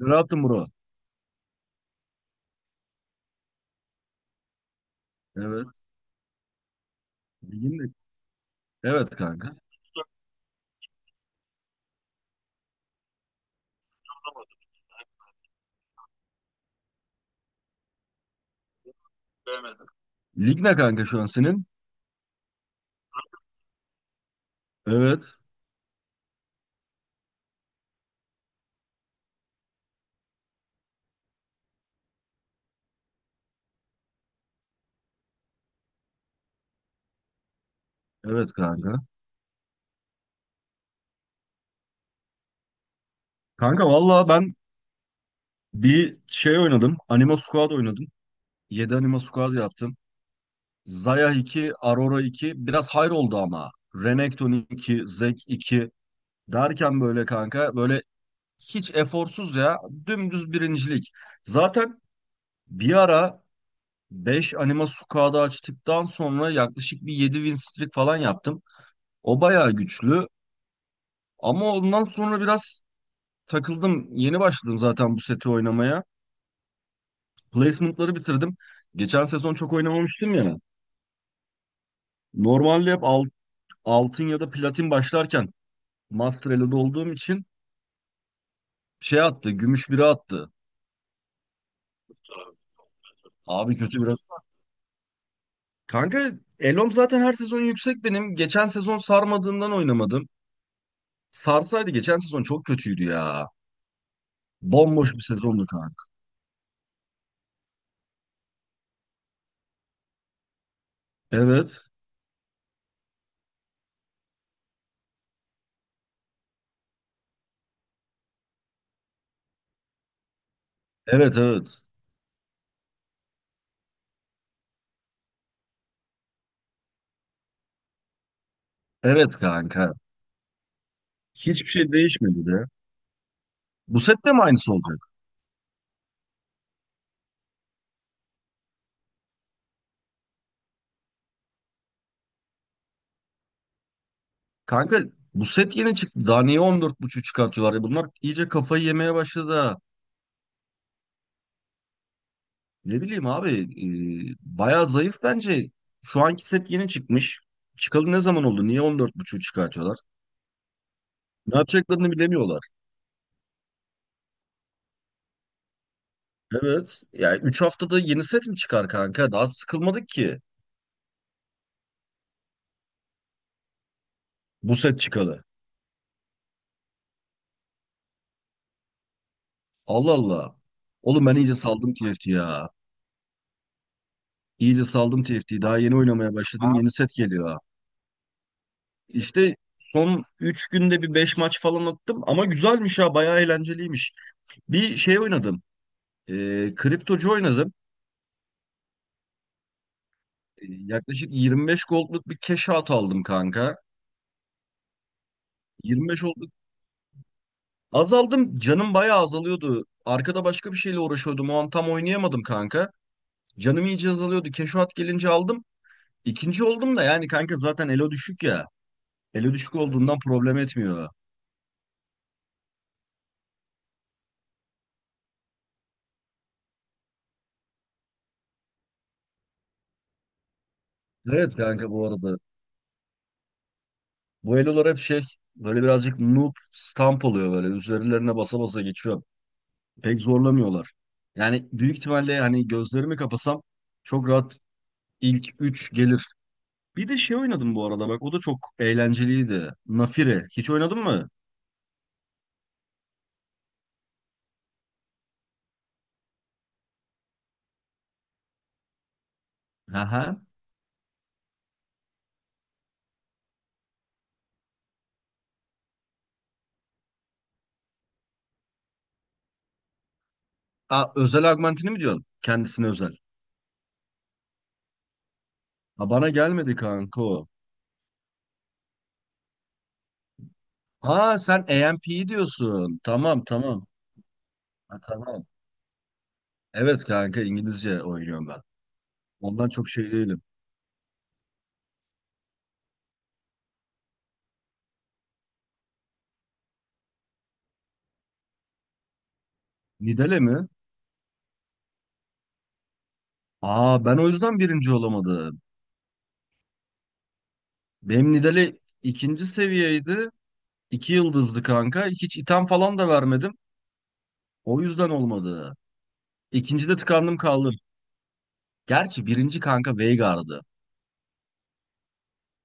Rahatım bro. Evet. Ligin de- Evet kanka. Lig ne kanka şu an senin? Evet. Evet kanka. Kanka valla ben bir şey oynadım. Anima Squad oynadım. 7 Anima Squad yaptım. Zaya 2, Aurora 2. Biraz hayır oldu ama. Renekton 2, Zek iki, derken böyle kanka böyle hiç eforsuz ya. Dümdüz birincilik. Zaten bir ara 5 Anima Squad'ı açtıktan sonra yaklaşık bir 7 win streak falan yaptım. O bayağı güçlü. Ama ondan sonra biraz takıldım. Yeni başladım zaten bu seti oynamaya. Placement'ları bitirdim. Geçen sezon çok oynamamıştım ya. Normalde hep altın ya da platin başlarken Master Elo'da olduğum için şey attı, gümüş biri attı. Abi kötü biraz. Kanka Elo'm zaten her sezon yüksek benim. Geçen sezon sarmadığından oynamadım. Sarsaydı geçen sezon çok kötüydü ya. Bomboş bir sezondu kanka. Evet. Evet evet. Evet kanka. Hiçbir şey değişmedi de. Bu sette mi aynısı olacak? Kanka bu set yeni çıktı. Daha niye 14.5 çıkartıyorlar ya? Bunlar iyice kafayı yemeye başladı, ha. Ne bileyim abi. Bayağı zayıf bence. Şu anki set yeni çıkmış. Çıkalı ne zaman oldu? Niye 14.5 çıkartıyorlar? Ne yapacaklarını bilemiyorlar. Evet. Yani 3 haftada yeni set mi çıkar kanka? Daha sıkılmadık ki bu set çıkalı. Allah Allah. Oğlum ben iyice saldım TFT ya. İyice saldım TFT. Daha yeni oynamaya başladım. Yeni set geliyor. İşte son 3 günde bir 5 maç falan attım ama güzelmiş ha, bayağı eğlenceliymiş. Bir şey oynadım. Kriptocu oynadım. Yaklaşık 25 gold'luk bir cash out aldım kanka. 25 oldu. Azaldım. Canım bayağı azalıyordu. Arkada başka bir şeyle uğraşıyordum. O an tam oynayamadım kanka. Canım iyice azalıyordu. Cash gelince aldım. İkinci oldum da yani kanka zaten elo düşük ya. Elo düşük olduğundan problem etmiyor. Evet kanka bu arada. Bu elolar hep şey, böyle birazcık noob stamp oluyor böyle. Üzerlerine basa basa geçiyor. Pek zorlamıyorlar. Yani büyük ihtimalle hani gözlerimi kapasam çok rahat ilk 3 gelir. Bir de şey oynadım bu arada bak, o da çok eğlenceliydi. Nafire. Hiç oynadın mı? Aha. Aa, özel augmentini mi diyorsun? Kendisine özel. Ha, bana gelmedi kanka o. Ha, sen AMP'yi diyorsun. Tamam tamam. Ha, tamam. Evet kanka, İngilizce oynuyorum ben. Ondan çok şey değilim. Nidale mi? Aa, ben o yüzden birinci olamadım. Benim Nidalee ikinci seviyeydi. İki yıldızdı kanka. Hiç item falan da vermedim. O yüzden olmadı. İkincide tıkandım kaldım. Gerçi birinci kanka Veigar'dı.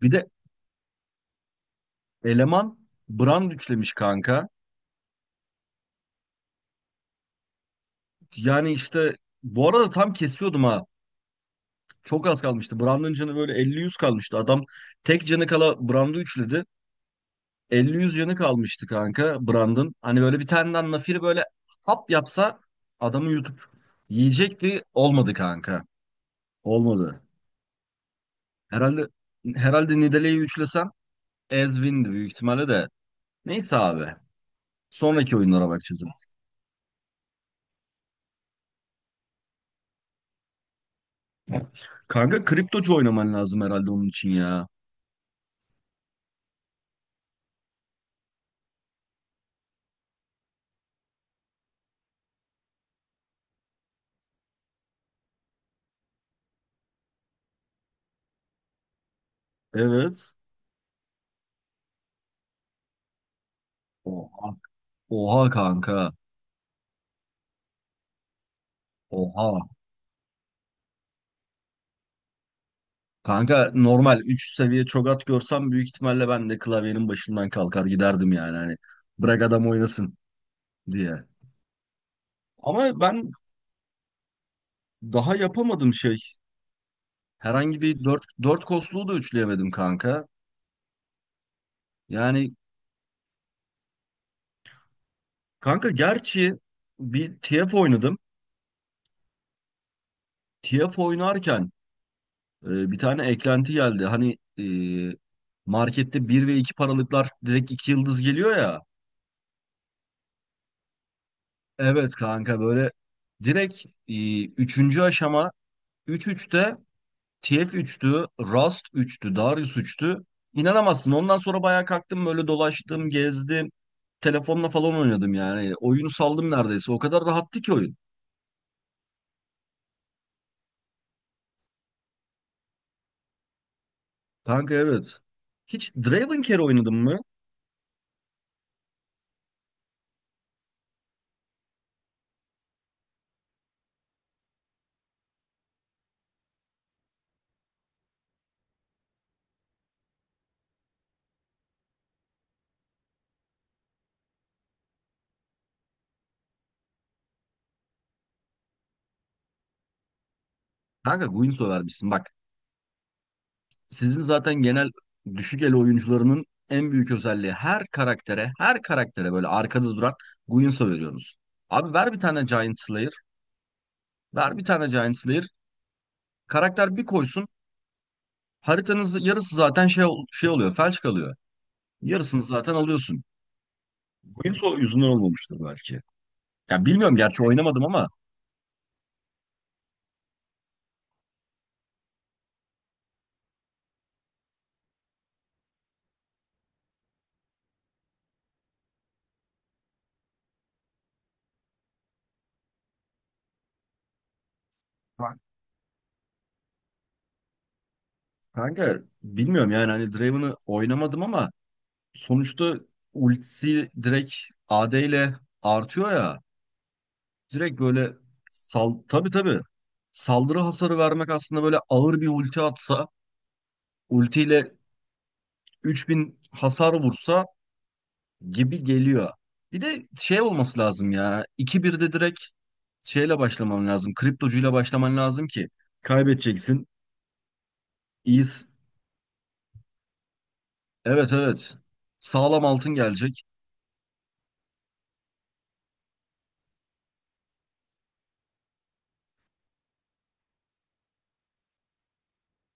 Bir de eleman Brand üçlemiş kanka. Yani işte, bu arada tam kesiyordum ha. Çok az kalmıştı. Brand'ın canı böyle elli yüz kalmıştı. Adam tek canı kala Brand'ı üçledi. 50-100 yanı kalmıştı kanka Brandon. Hani böyle bir tane nafiri böyle hap yapsa adamı yutup yiyecekti. Olmadı kanka. Olmadı. Herhalde herhalde Nidalee'yi üçlesem ez win'di büyük ihtimalle de. Neyse abi. Sonraki oyunlara bakacağız. Kanka kriptocu oynaman lazım herhalde onun için ya. Evet. Oha. Oha kanka. Oha. Kanka, normal 3 seviye çogat görsem büyük ihtimalle ben de klavyenin başından kalkar giderdim yani. Hani bırak adam oynasın diye. Ama ben daha yapamadım şey. Herhangi bir dört kosluğu da üçleyemedim kanka. Yani kanka gerçi bir TF oynadım. TF oynarken bir tane eklenti geldi. Hani, markette bir ve 2 paralıklar direkt 2 yıldız geliyor ya. Evet kanka böyle direkt, 3. aşama üç üçte. TF üçtü, Rust üçtü, Darius 3'tü. İnanamazsın. Ondan sonra bayağı kalktım, böyle dolaştım, gezdim. Telefonla falan oynadım yani. Oyunu saldım neredeyse. O kadar rahattı ki oyun. Kanka evet. Hiç Dravencare oynadın mı? Kanka Guinsoo vermişsin. Bak, sizin zaten genel düşük el oyuncularının en büyük özelliği her karaktere, her karaktere böyle arkada duran Guinsoo veriyorsunuz. Abi ver bir tane Giant Slayer, ver bir tane Giant Slayer. Karakter bir koysun, haritanız yarısı zaten şey oluyor, felç kalıyor. Yarısını zaten alıyorsun. Bu yıl yüzünden olmamıştır belki. Ya bilmiyorum gerçi oynamadım ama. Ka- Kanka bilmiyorum yani, hani Draven'ı oynamadım ama sonuçta ultisi direkt AD ile artıyor ya. Direkt böyle sal tabii tabii, saldırı hasarı vermek aslında böyle ağır bir ulti atsa, ultiyle 3000 hasar vursa gibi geliyor. Bir de şey olması lazım ya. 2-1'de direkt şeyle başlaman lazım. Kriptocuyla başlaman lazım ki kaybedeceksin. İyis. Evet evet. Sağlam altın gelecek.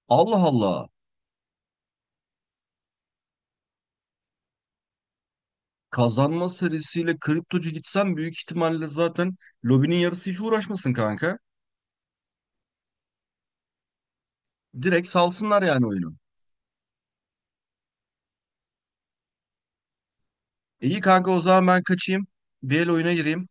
Allah Allah. Kazanma serisiyle kriptocu gitsen büyük ihtimalle zaten lobinin yarısı hiç uğraşmasın kanka. Direkt salsınlar yani oyunu. İyi kanka, o zaman ben kaçayım. Bir el oyuna gireyim.